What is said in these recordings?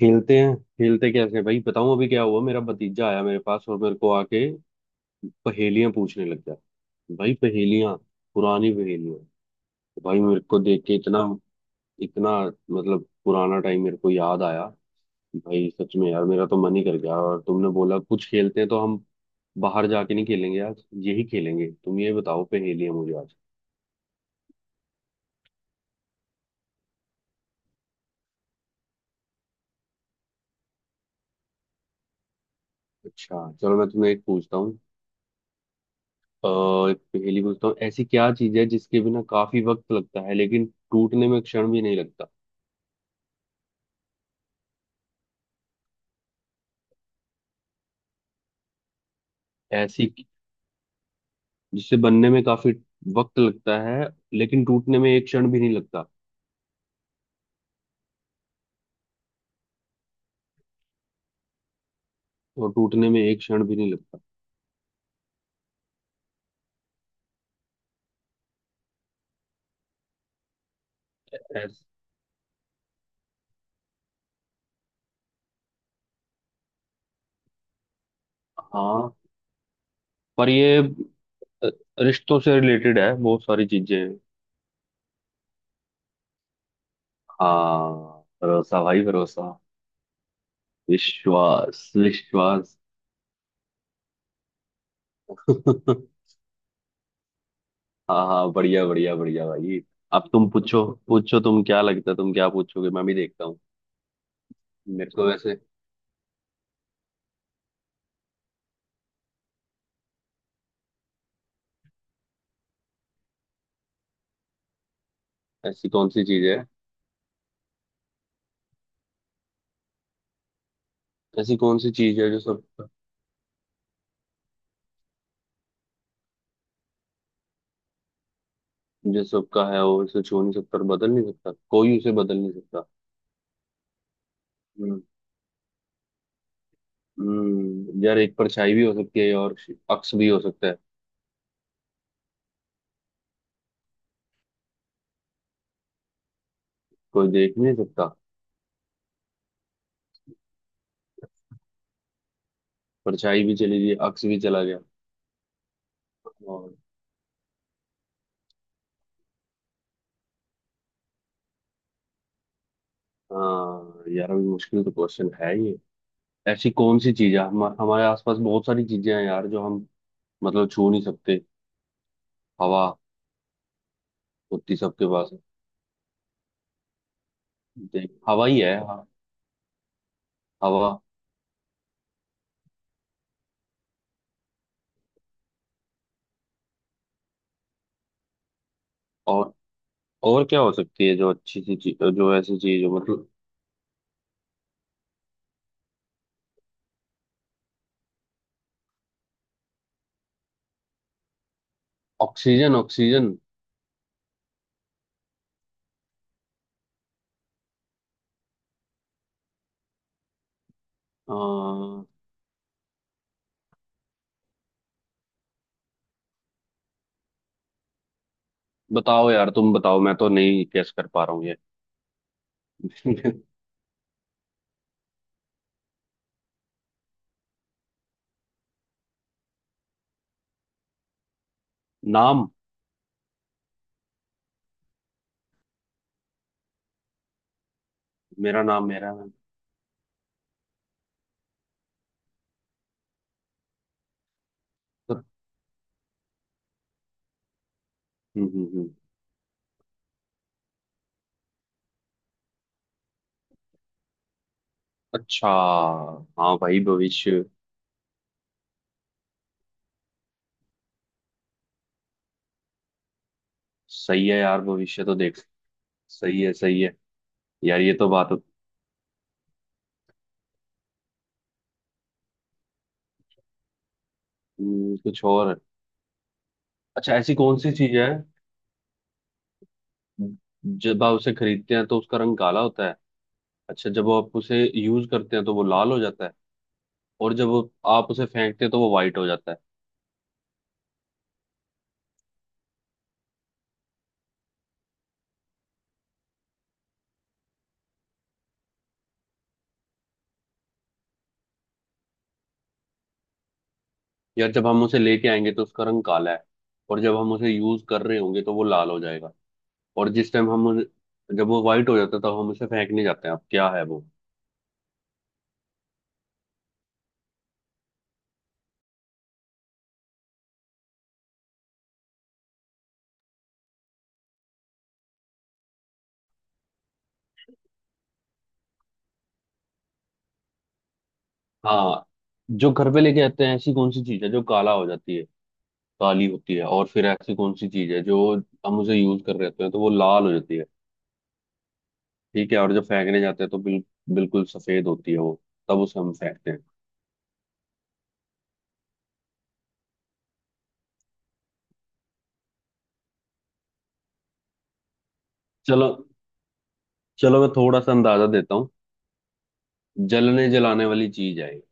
खेलते हैं, खेलते कैसे भाई बताऊं। अभी क्या हुआ, मेरा भतीजा आया मेरे पास और मेरे को आके पहेलियां पूछने लग गया। भाई पहेलियां, पुरानी पहेलियां। भाई मेरे को देख के इतना इतना, मतलब पुराना टाइम मेरे को याद आया। भाई सच में यार मेरा तो मन ही कर गया, और तुमने बोला कुछ खेलते हैं तो हम बाहर जाके नहीं खेलेंगे, आज यही खेलेंगे। तुम ये बताओ पहेलियां मुझे आज। अच्छा चलो मैं तुम्हें एक पूछता हूँ। अ, एक पहेली पूछता हूँ। ऐसी क्या चीज है जिसके बिना काफी वक्त लगता है लेकिन टूटने में क्षण भी नहीं लगता। ऐसी जिसे बनने में काफी वक्त लगता है लेकिन टूटने में एक क्षण भी नहीं लगता। और टूटने में एक क्षण भी नहीं लगता। ऐस, हाँ, पर ये अ, रिश्तों से रिलेटेड है, बहुत सारी चीजें हैं। हाँ, भरोसा भाई भरोसा। विश्वास विश्वास। हाँ हाँ, बढ़िया बढ़िया बढ़िया भाई। अब तुम पूछो, पूछो तुम। क्या लगता है तुम क्या पूछोगे, मैं भी देखता हूँ। मेरे को वैसे ऐसी कौन सी चीज है? ऐसी कौन सी चीज है जो सब, जो सबका है वो उसे छू नहीं सकता और बदल नहीं सकता, कोई उसे बदल नहीं सकता। हम्म। यार एक परछाई भी हो सकती है और अक्स भी हो सकता है। कोई देख नहीं सकता। परछाई भी चली गई, अक्स भी चला गया। और हाँ यार, अभी मुश्किल तो क्वेश्चन है ये। ऐसी कौन सी चीज है, हमारे आसपास बहुत सारी चीजें हैं यार जो हम, मतलब छू नहीं सकते। हवा होती, सबके पास है। देख, हवा ही है हाँ, हवा। और और क्या हो सकती है, जो अच्छी सी चीज, जो ऐसी चीज हो मतलब। Oxygen oxygen. हाँ, बताओ यार तुम बताओ, मैं तो नहीं गेस कर पा रहा हूँ ये। नाम। मेरा नाम, मेरा नाम। हम्म हम्म हम्म। अच्छा, हाँ भाई भविष्य। सही है यार, भविष्य तो देख, सही है सही है। यार ये तो बात। कुछ और है। अच्छा, ऐसी कौन सी चीज है जब आप उसे खरीदते हैं तो उसका रंग काला होता है। अच्छा, जब आप उसे यूज करते हैं तो वो लाल हो जाता है। और जब आप उसे फेंकते हैं तो वो व्हाइट हो जाता है। यार जब हम उसे लेके आएंगे तो उसका रंग काला है, और जब हम उसे यूज कर रहे होंगे तो वो लाल हो जाएगा। और जिस टाइम हम जब वो व्हाइट हो जाता है तो हम उसे फेंकने जाते हैं। अब क्या है वो? हाँ, जो घर पे लेके आते हैं ऐसी कौन सी चीज है जो काला हो जाती है, काली होती है। और फिर ऐसी कौन सी चीज है जो हम उसे यूज कर रहे होते हैं तो वो लाल हो जाती है, ठीक है। और जब फेंकने जाते हैं तो बिल्कुल सफेद होती है वो, तब उसे हम फेंकते हैं। चलो चलो, मैं थोड़ा सा अंदाजा देता हूँ। जलने जलाने वाली चीज है ये।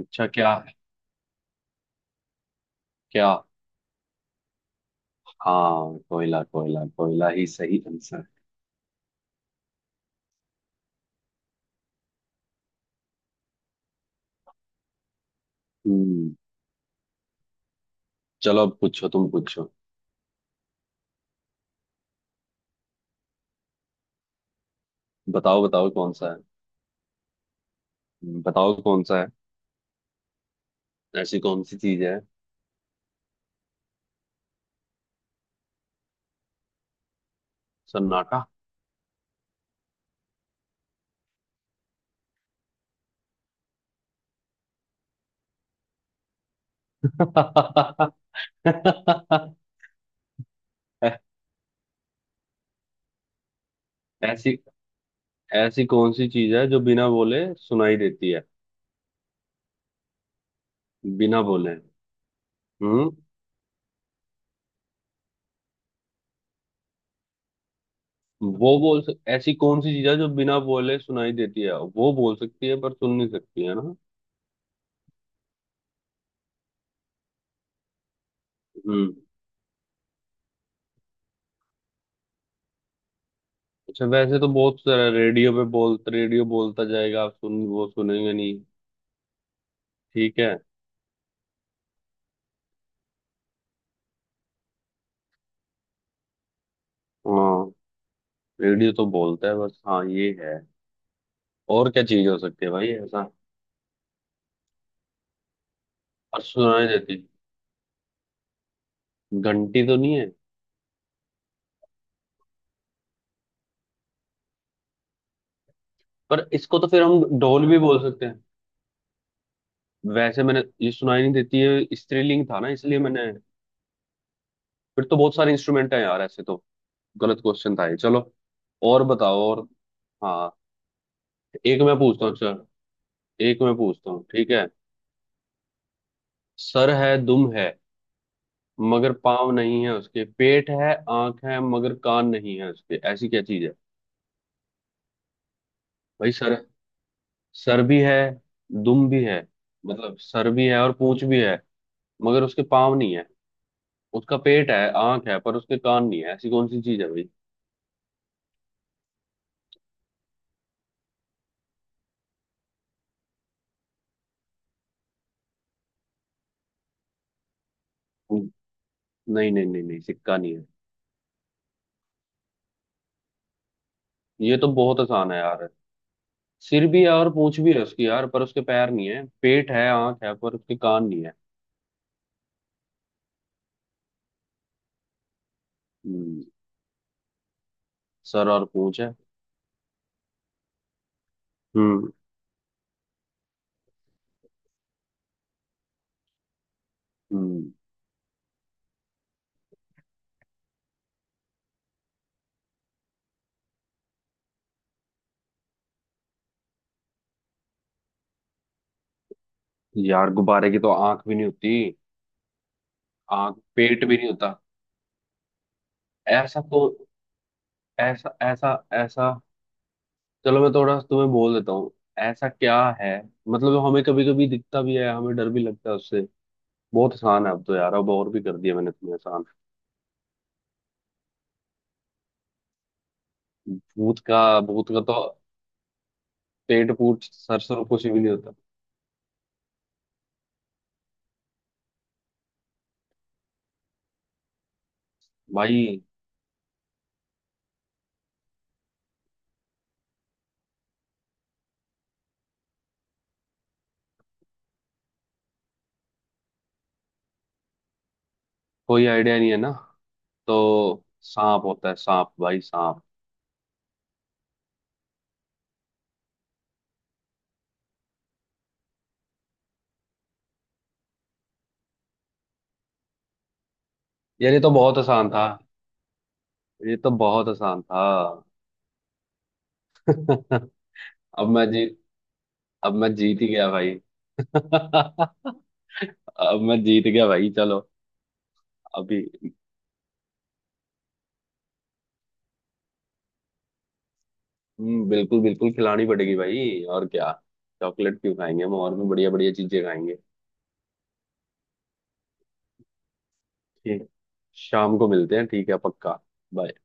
अच्छा क्या है? क्या, हाँ कोयला कोयला। कोयला ही सही आंसर है। हम्म। चलो अब पूछो, तुम पूछो। बताओ बताओ कौन सा है। बताओ कौन सा है। ऐसी कौन सी चीज है? सन्नाटा। ऐ- ऐसी ऐसी कौन सी चीज है जो बिना बोले सुनाई देती है? बिना बोले। हम्म। वो बोल सक ऐसी कौन सी चीज है जो बिना बोले सुनाई देती है, वो बोल सकती है पर सुन नहीं सकती है ना। हम्म। अच्छा वैसे तो बहुत सारा रेडियो पे बोल रेडियो बोलता जाएगा, आप सुन वो सुनेंगे नहीं, ठीक है। हाँ, रेडियो तो बोलता है बस। हाँ ये है। और क्या चीज हो सकती है भाई ऐसा, और सुनाई देती। घंटी तो नहीं है? पर इसको तो फिर हम ढोल भी बोल सकते हैं। वैसे मैंने ये सुनाई नहीं देती है, स्त्रीलिंग था ना इसलिए मैंने। फिर तो बहुत सारे इंस्ट्रूमेंट हैं यार ऐसे तो। गलत क्वेश्चन था ये चलो। और बताओ, और हाँ एक मैं पूछता हूँ सर। एक मैं पूछता हूँ, ठीक है। सर है दुम है मगर पाँव नहीं है उसके। पेट है आंख है मगर कान नहीं है उसके। ऐसी क्या चीज है भाई? सर, सर भी है, दुम भी है, मतलब सर भी है और पूंछ भी है मगर उसके पाँव नहीं है। उसका पेट है आंख है पर उसके कान नहीं है। ऐसी कौन सी चीज है भाई? नहीं नहीं नहीं नहीं, सिक्का नहीं है, ये तो बहुत आसान है यार। सिर भी है और पूंछ भी है उसकी यार, पर उसके पैर नहीं है। पेट है आंख है पर उसके कान नहीं है। हम्म, सर और पूंछ है। हम्म हम्म। यार गुब्बारे की तो आंख भी नहीं होती, आंख पेट भी नहीं होता। ऐसा को ऐसा ऐसा ऐसा चलो मैं थोड़ा तुम्हें बोल देता हूँ। ऐसा क्या है, मतलब हमें कभी कभी दिखता भी है, हमें डर भी लगता है उससे। बहुत आसान है अब तो यार, अब और भी कर दिया मैंने तुम्हें आसान। भूत का तो पेट पूट सर सर कुछ भी नहीं होता भाई। कोई आइडिया नहीं है ना? तो सांप होता है सांप, भाई सांप। यार ये तो बहुत आसान था, ये तो बहुत आसान था। अब मैं जीत अब मैं जीत ही गया भाई। अब मैं जीत गया भाई, चलो। अभी बिल्कुल बिल्कुल खिलानी पड़ेगी भाई, और क्या। चॉकलेट क्यों खाएंगे हम, और भी बढ़िया बढ़िया चीजें खाएंगे। ठीक, शाम को मिलते हैं ठीक है पक्का। Bye.